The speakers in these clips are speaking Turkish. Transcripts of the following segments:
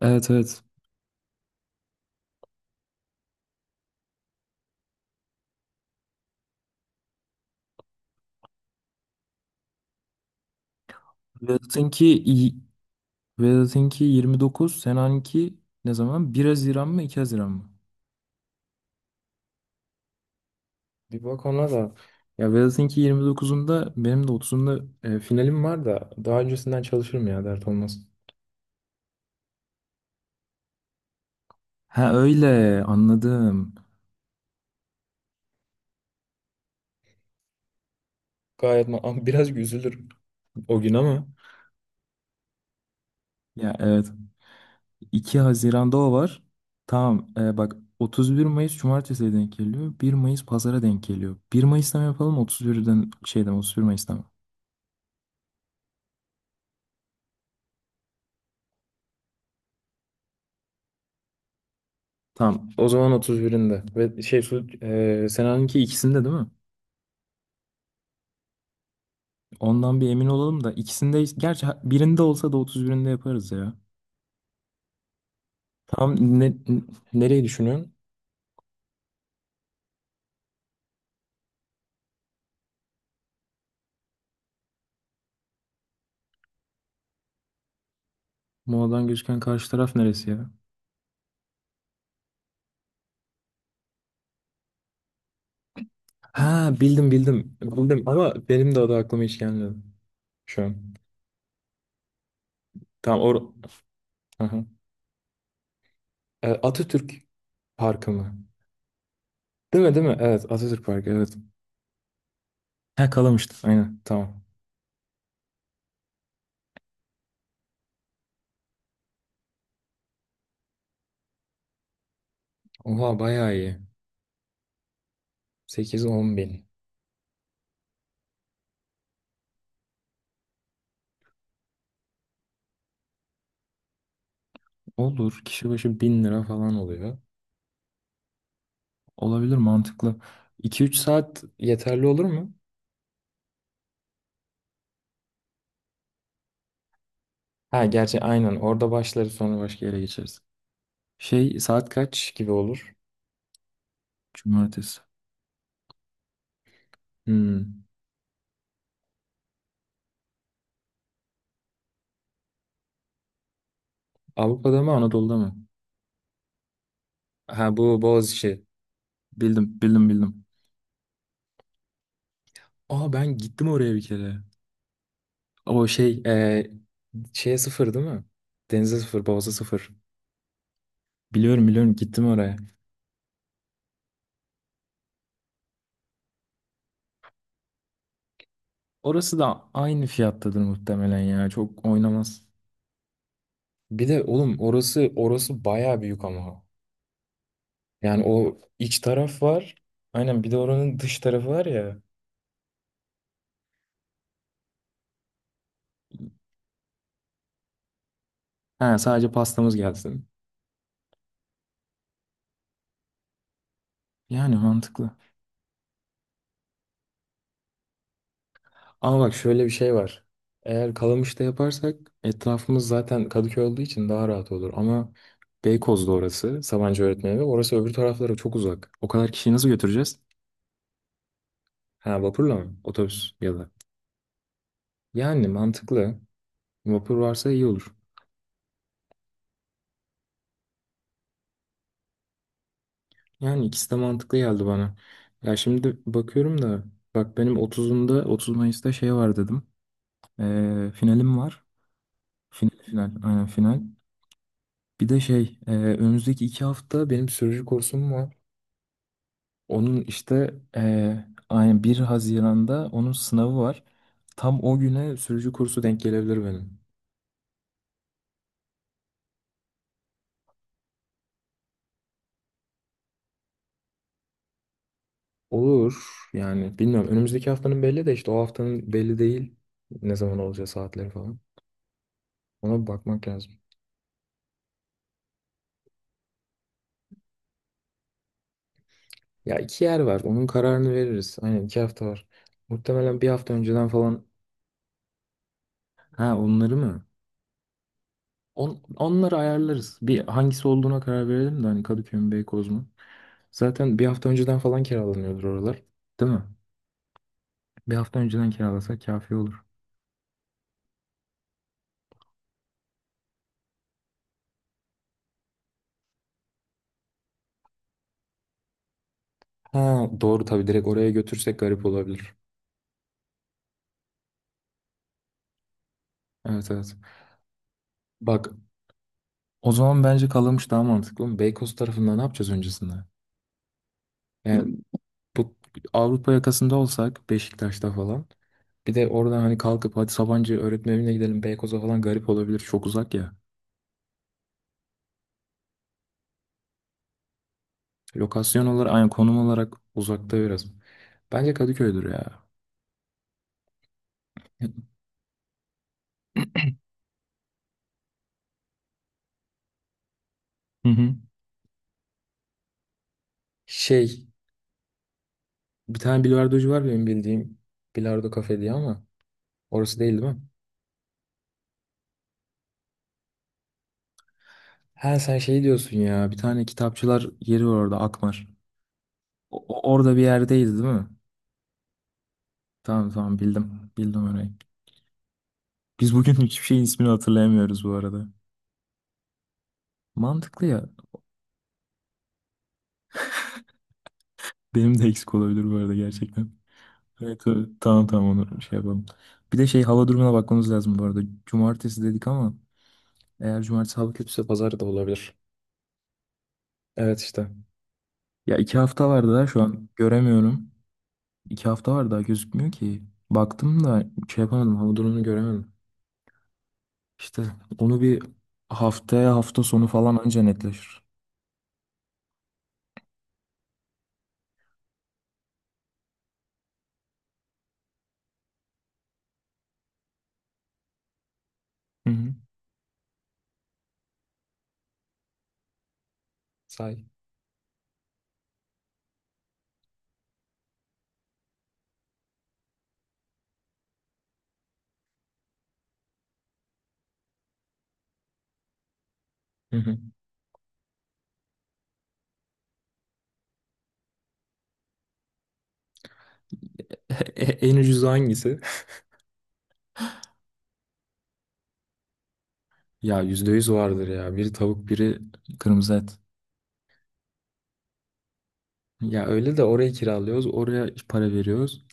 Evet evet. Vedat'ınki y- Vedat'ınki 29. Senan'ınki ne zaman? 1 Haziran mı 2 Haziran mı? Bir bak ona da. Ya Vedat'ınki 29'unda, benim de 30'unda finalim var da daha öncesinden çalışırım ya dert olmaz. Ha öyle anladım. Ama biraz üzülür o gün ama. Ya evet. 2 Haziran'da o var. Tamam, bak 31 Mayıs Cumartesi'ye denk geliyor. Bir Mayıs Pazar'a denk geliyor. 1 Mayıs'tan yapalım 31 Mayıs'tan. Tamam. O zaman 31'inde. Ve Sena'nınki ikisinde değil mi? Ondan bir emin olalım da ikisinde gerçi birinde olsa da 31'inde yaparız ya. Tam ne, n- nereyi düşünüyorsun? Moladan gözüken karşı taraf neresi ya? Ha, bildim bildim. Bildim ama benim de adı aklıma hiç gelmedi. Şu an. Tamam. Hı hı. E, Atatürk Parkı mı? Değil mi değil mi? Evet, Atatürk Parkı, evet. Ha, Kalamış'tı. Aynen, tamam. Oha, bayağı iyi. 8-10 bin. Olur. Kişi başı bin lira falan oluyor. Olabilir, mantıklı. İki üç saat yeterli olur mu? Ha, gerçi aynen orada başlarız sonra başka yere geçeriz. Şey, saat kaç gibi olur? Cumartesi. Hmm. Avrupa'da mı Anadolu'da mı? Ha, bu Boğaziçi. Bildim bildim bildim. Aa, ben gittim oraya bir kere. O şeye sıfır değil mi? Denize sıfır, Boğaz'a sıfır. Biliyorum biliyorum, gittim oraya. Orası da aynı fiyattadır muhtemelen ya. Çok oynamaz. Bir de oğlum, orası bayağı büyük ama. Yani o iç taraf var. Aynen, bir de oranın dış tarafı var ya. Ha, sadece pastamız gelsin. Yani mantıklı. Ama bak, şöyle bir şey var. Eğer Kalamış'ta yaparsak etrafımız zaten Kadıköy olduğu için daha rahat olur. Ama Beykoz'da orası Sabancı Öğretmen Evi. Orası öbür taraflara çok uzak. O kadar kişiyi nasıl götüreceğiz? Ha, vapurla mı? Otobüs ya da. Yani mantıklı. Vapur varsa iyi olur. Yani ikisi de mantıklı geldi bana. Ya şimdi bakıyorum da bak, benim 30'unda, 30 Mayıs'ta şey var dedim. Finalim var. Final, final. Aynen, final. Bir de önümüzdeki iki hafta benim sürücü kursum var. Onun işte, aynen 1 Haziran'da onun sınavı var. Tam o güne sürücü kursu denk gelebilir benim. Olur yani, bilmiyorum. Önümüzdeki haftanın belli de işte o haftanın belli değil. Ne zaman olacağı, saatleri falan. Ona bir bakmak lazım. Ya iki yer var. Onun kararını veririz. Aynen, iki hafta var. Muhtemelen bir hafta önceden falan. Ha, onları mı? Onları ayarlarız. Bir hangisi olduğuna karar verelim de hani Kadıköy mü Beykoz mu? Zaten bir hafta önceden falan kiralanıyordur oralar. Değil mi? Bir hafta önceden kiralasak kafi olur. Ha, doğru tabii, direkt oraya götürsek garip olabilir. Evet evet. Bak, o zaman bence Kalamış daha mantıklı. Oğlum, Beykoz tarafında ne yapacağız öncesinde? Yani bu Avrupa yakasında olsak Beşiktaş'ta falan. Bir de oradan hani kalkıp hadi Sabancı öğretmen evine gidelim Beykoz'a falan, garip olabilir. Çok uzak ya. Lokasyon olarak, aynı konum olarak uzakta biraz. Bence Kadıköy'dür ya. Hı hı. Şey, bir tane bilardocu var benim bildiğim. Bilardo Kafe diye ama orası değil, değil mi? Ha, sen şey diyorsun ya, bir tane kitapçılar yeri var orada, Akmar. Orada bir yerdeydi değil mi? Tamam tamam bildim. Bildim orayı. Biz bugün hiçbir şeyin ismini hatırlayamıyoruz bu arada. Mantıklı ya. Benim de eksik olabilir bu arada gerçekten. Evet, evet. Tamam tamam, onu şey yapalım. Bir de şey, hava durumuna bakmamız lazım bu arada. Cumartesi dedik ama eğer cumartesi hava kötüyse pazar da olabilir. Evet, işte. Ya iki hafta var daha, şu an göremiyorum. İki hafta var daha, gözükmüyor ki. Baktım da şey yapamadım, hava durumunu göremedim. İşte onu bir haftaya, hafta sonu falan anca netleşir. Hı hı. Say. Hı hı. En ucuzu hangisi? Ya yüzde yüz vardır ya. Biri tavuk, biri kırmızı et. Ya öyle de orayı kiralıyoruz. Oraya para veriyoruz.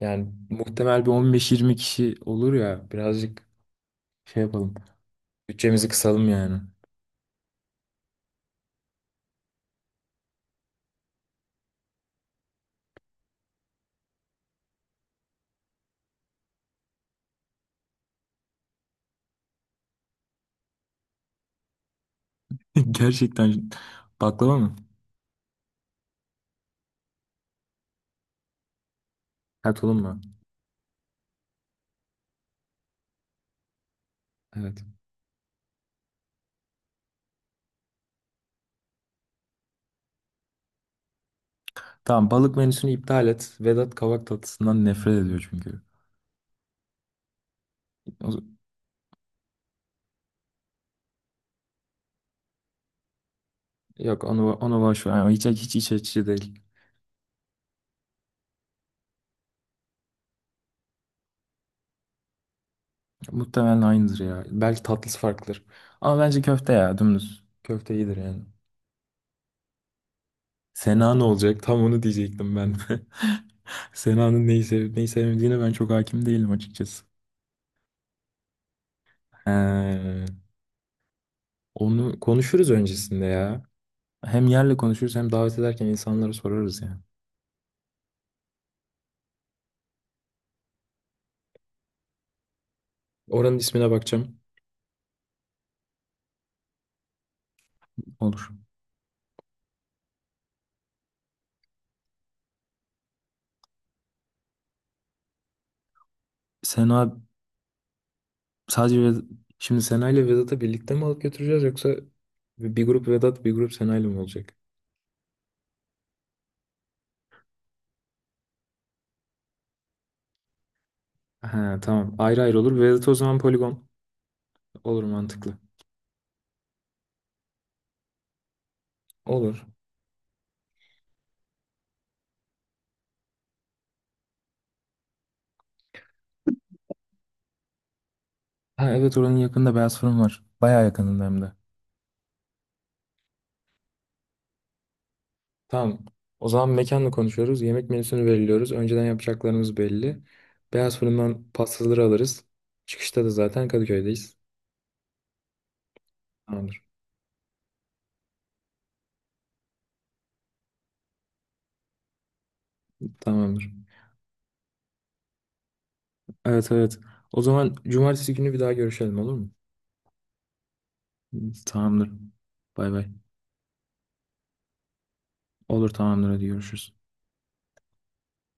Yani muhtemel bir 15-20 kişi olur ya. Birazcık şey yapalım. Bütçemizi kısalım yani. Gerçekten, baklava mı? Ha, tulum mu? Evet. Tamam, balık menüsünü iptal et. Vedat kavak tatlısından nefret ediyor çünkü. O- Yok, onu boş ver. Yani hiç hiç iç açıcı değil. Muhtemelen aynıdır ya. Belki tatlısı farklıdır. Ama bence köfte ya, dümdüz. Köfte iyidir yani. Sena ne olacak? Tam onu diyecektim ben. Sena'nın neyi sevip neyi sevmediğine ben çok hakim değilim açıkçası. He, onu konuşuruz öncesinde ya. Hem yerle konuşuruz hem davet ederken insanlara sorarız yani. Oranın ismine bakacağım. Olur. Sena sadece Ved- şimdi Sena ile Vedat'ı birlikte mi alıp götüreceğiz yoksa bir grup Vedat bir grup Sena ile mi olacak? Ha, tamam. Ayrı ayrı olur. Vedat o zaman poligon. Olur, mantıklı. Olur. Ha evet, oranın yakında beyaz fırın var. Bayağı yakınında hem de. Tamam. O zaman mekanla konuşuyoruz. Yemek menüsünü belirliyoruz. Önceden yapacaklarımız belli. Beyaz fırından pastaları alırız. Çıkışta da zaten Kadıköy'deyiz. Tamamdır. Tamamdır. Evet evet. O zaman cumartesi günü bir daha görüşelim, olur mu? Tamamdır. Bay bay. Olur tamamdır, hadi görüşürüz.